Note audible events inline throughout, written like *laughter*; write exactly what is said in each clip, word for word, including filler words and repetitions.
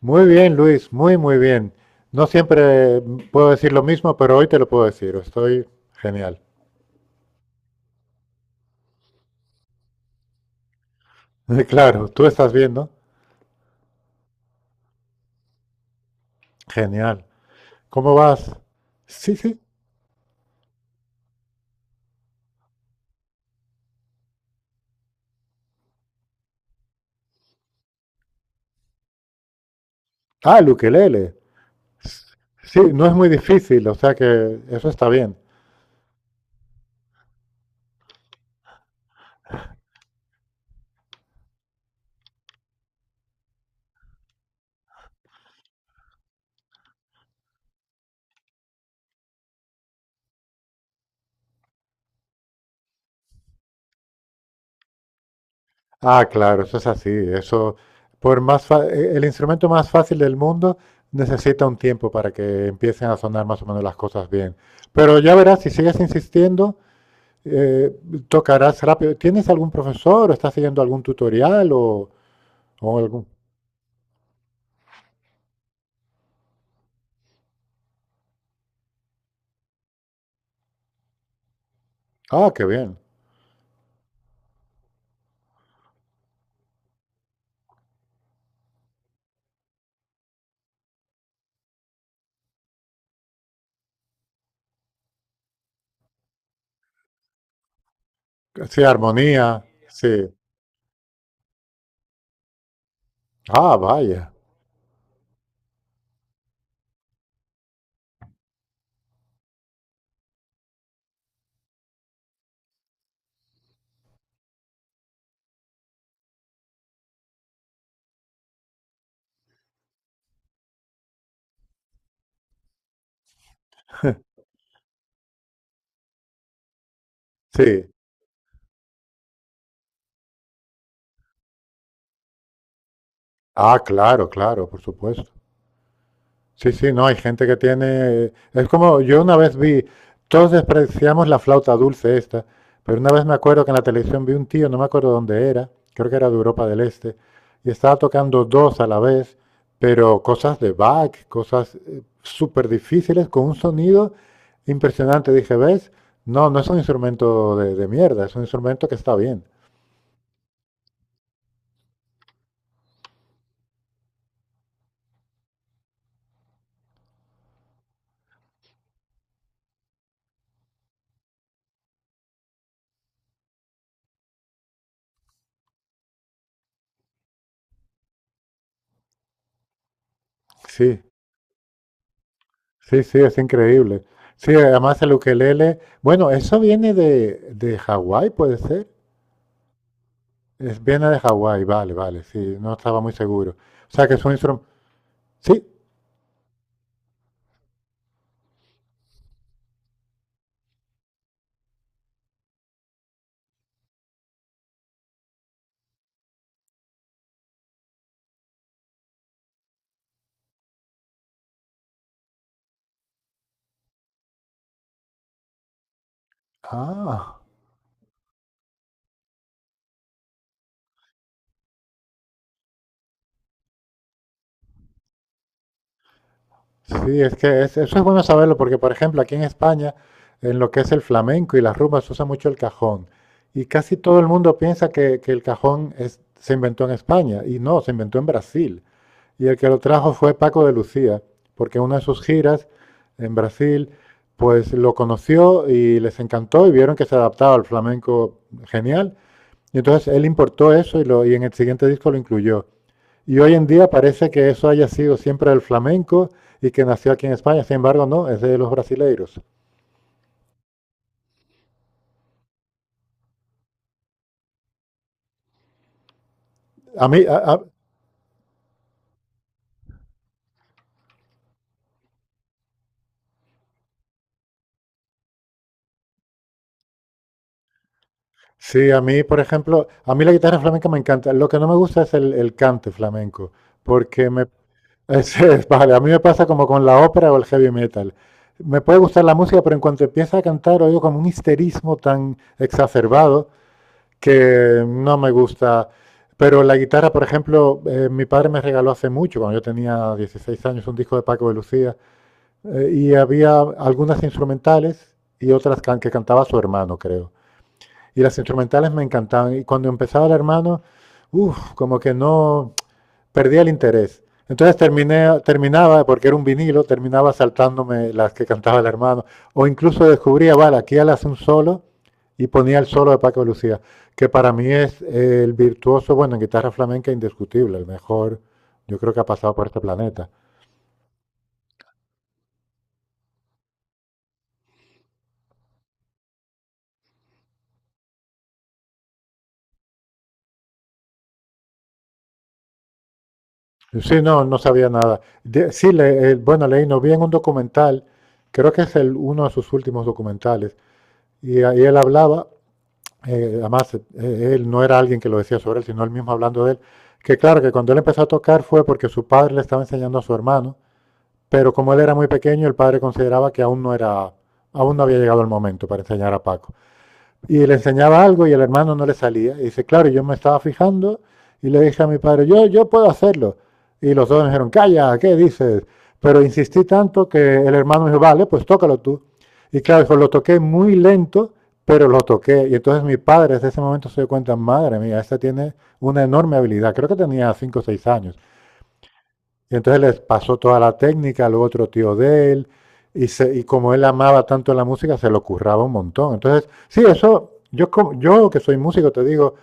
Muy bien, Luis, muy, muy bien. No siempre puedo decir lo mismo, pero hoy te lo puedo decir. Estoy genial. *laughs* Claro, tú estás bien, ¿no? Genial. ¿Cómo vas? Sí, sí. Ah, el ukelele. Sí, no es muy difícil, o sea que eso está bien. Ah, claro, eso es así. Eso, por más fa- e- el instrumento más fácil del mundo necesita un tiempo para que empiecen a sonar más o menos las cosas bien. Pero ya verás, si sigues insistiendo, eh, tocarás rápido. ¿Tienes algún profesor o estás siguiendo algún tutorial o, o, algún? Ah, qué bien. Sí, armonía. Sí. Ah, vaya. Sí. Ah, claro, claro, por supuesto. Sí, sí, no, hay gente que tiene... Es como, yo una vez vi, todos despreciamos la flauta dulce esta, pero una vez me acuerdo que en la televisión vi un tío, no me acuerdo dónde era, creo que era de Europa del Este, y estaba tocando dos a la vez, pero cosas de Bach, cosas eh, súper difíciles, con un sonido impresionante. Dije, ¿ves? No, no es un instrumento de, de, mierda, es un instrumento que está bien. Sí, sí, sí, es increíble. Sí, además el ukelele, bueno, eso viene de, de Hawái, puede ser. Es, viene de Hawái, vale, vale, sí, no estaba muy seguro. O sea que es un instrumento. Sí, ah, sí, es que es- eso es bueno saberlo porque, por ejemplo, aquí en España, en lo que es el flamenco y las rumbas, se usa mucho el cajón. Y casi todo el mundo piensa que, que el cajón es- se inventó en España, y no, se inventó en Brasil. Y el que lo trajo fue Paco de Lucía, porque en una de sus giras en Brasil, pues lo conoció y les encantó y vieron que se adaptaba al flamenco genial. Y entonces él importó eso y, lo, y en el siguiente disco lo incluyó. Y hoy en día parece que eso haya sido siempre el flamenco y que nació aquí en España. Sin embargo, no, es de los brasileiros. A mí, a, a, sí, a mí, por ejemplo, a mí la guitarra flamenca me encanta. Lo que no me gusta es el, el cante flamenco, porque me, *laughs* es, es, vale, a mí me pasa como con la ópera o el heavy metal. Me puede gustar la música, pero en cuanto empieza a cantar oigo como un histerismo tan exacerbado que no me gusta. Pero la guitarra, por ejemplo, eh, mi padre me regaló hace mucho, cuando yo tenía dieciséis años, un disco de Paco de Lucía, eh, y había algunas instrumentales y otras can- que cantaba su hermano, creo. Y las instrumentales me encantaban. Y cuando empezaba el hermano, uff, como que no perdía el interés. Entonces terminé, terminaba, porque era un vinilo, terminaba saltándome las que cantaba el hermano. O incluso descubría, vale, aquí él hace un solo y ponía el solo de Paco de Lucía, que para mí es eh, el virtuoso, bueno, en guitarra flamenca indiscutible, el mejor, yo creo que ha pasado por este planeta. Sí, no, no sabía nada. De- sí, le- eh, bueno, leí, no vi en un documental, creo que es el, uno de sus últimos documentales, y ahí él hablaba, eh, además, eh, él no era alguien que lo decía sobre él, sino él mismo hablando de él, que claro, que cuando él empezó a tocar fue porque su padre le estaba enseñando a su hermano, pero como él era muy pequeño, el padre consideraba que aún no era, aún no había llegado el momento para enseñar a Paco. Y le enseñaba algo y el hermano no le salía. Y dice, claro, yo me estaba fijando y le dije a mi padre, yo, yo puedo hacerlo. Y los dos me dijeron, calla, ¿qué dices? Pero insistí tanto que el hermano me dijo, vale, pues tócalo tú. Y claro, dijo, lo toqué muy lento, pero lo toqué. Y entonces mi padre desde ese momento se dio cuenta, madre mía, esta tiene una enorme habilidad. Creo que tenía cinco o seis años. Y entonces les pasó toda la técnica, luego otro tío de él, y, se- y como él amaba tanto la música, se lo curraba un montón. Entonces, sí, eso, yo, co- yo que soy músico, te digo,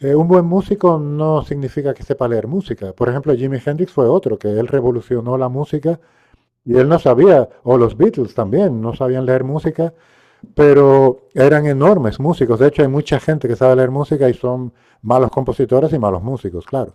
eh, un buen músico no significa que sepa leer música. Por ejemplo, Jimi Hendrix fue otro, que él revolucionó la música y él no sabía, o los Beatles también, no sabían leer música, pero eran enormes músicos. De hecho, hay mucha gente que sabe leer música y son malos compositores y malos músicos, claro.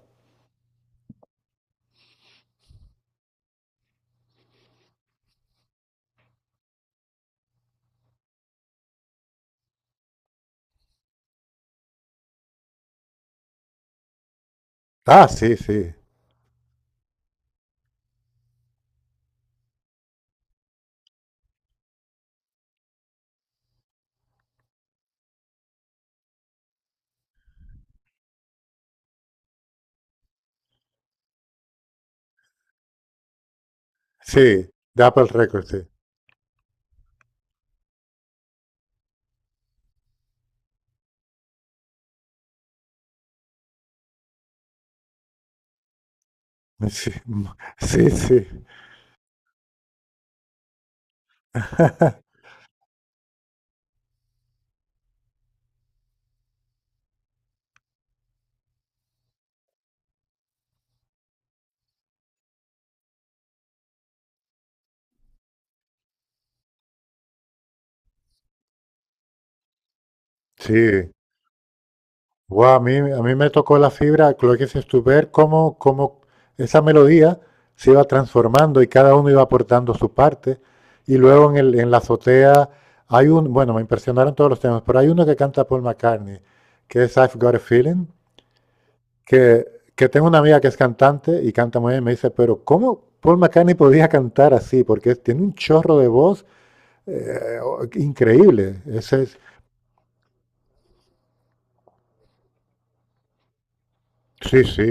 Ah, sí, sí, sí, de Apple Records, sí. Sí, m- sí, sí. *laughs* Sí. Guau, a mí, a mí me tocó la fibra, lo que dices tú, ver cómo, cómo esa melodía se iba transformando y cada uno iba aportando su parte. Y luego en el, en la azotea hay un, bueno, me impresionaron todos los temas, pero hay uno que canta Paul McCartney, que es I've Got a Feeling, que, que tengo una amiga que es cantante y canta muy bien, me dice, pero ¿cómo Paul McCartney podía cantar así? Porque tiene un chorro de voz eh, o- increíble. Ese es, Sí, sí,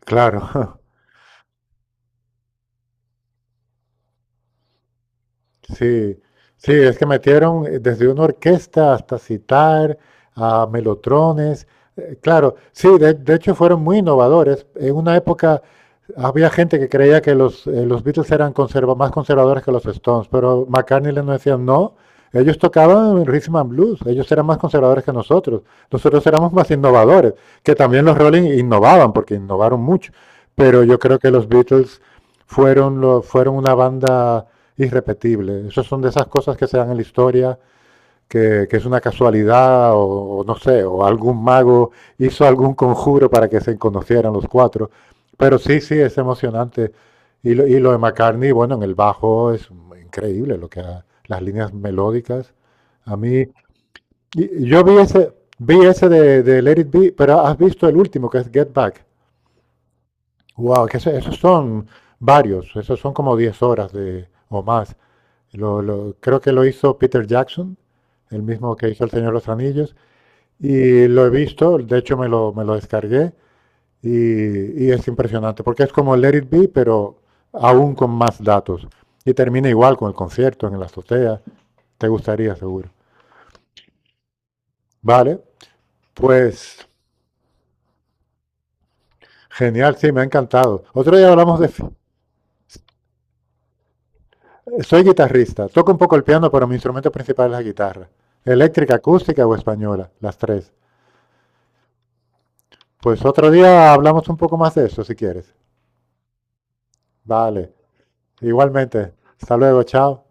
claro. *laughs* Sí, sí, es que metieron eh, desde una orquesta hasta citar a melotrones. eh, Claro, sí, de, de, hecho fueron muy innovadores. En una época había gente que creía que los, eh, los Beatles eran conserva- más conservadores que los Stones, pero McCartney les decía no. Ellos tocaban rhythm and blues, ellos eran más conservadores que nosotros. Nosotros éramos más innovadores, que también los Rolling innovaban, porque innovaron mucho. Pero yo creo que los Beatles fueron, lo- fueron una banda irrepetible. Esas son de esas cosas que se dan en la historia, que, que es una casualidad o, o, no sé, o algún mago hizo algún conjuro para que se conocieran los cuatro. Pero sí, sí, es emocionante. Y lo, y lo de McCartney, bueno, en el bajo es increíble lo que ha, las líneas melódicas. A mí, y, y yo vi ese, vi ese de, de Let It Be, pero has visto el último que es Get Back. Wow, que eso, esos son varios, esos son como diez horas de, o más. Lo- lo- creo que lo hizo Peter Jackson, el mismo que hizo El Señor de los Anillos, y lo he visto, de hecho me lo, me lo descargué, y, y es impresionante, porque es como Let It Be, pero aún con más datos. Y termina igual con el concierto en la azotea. Te gustaría, seguro. Vale, pues genial, sí, me ha encantado. Otro día hablamos de... fi- Soy guitarrista, toco un poco el piano, pero mi instrumento principal es la guitarra. Eléctrica, acústica o española, las tres. Pues otro día hablamos un poco más de eso, si quieres. Vale. Igualmente. Hasta luego. Chao.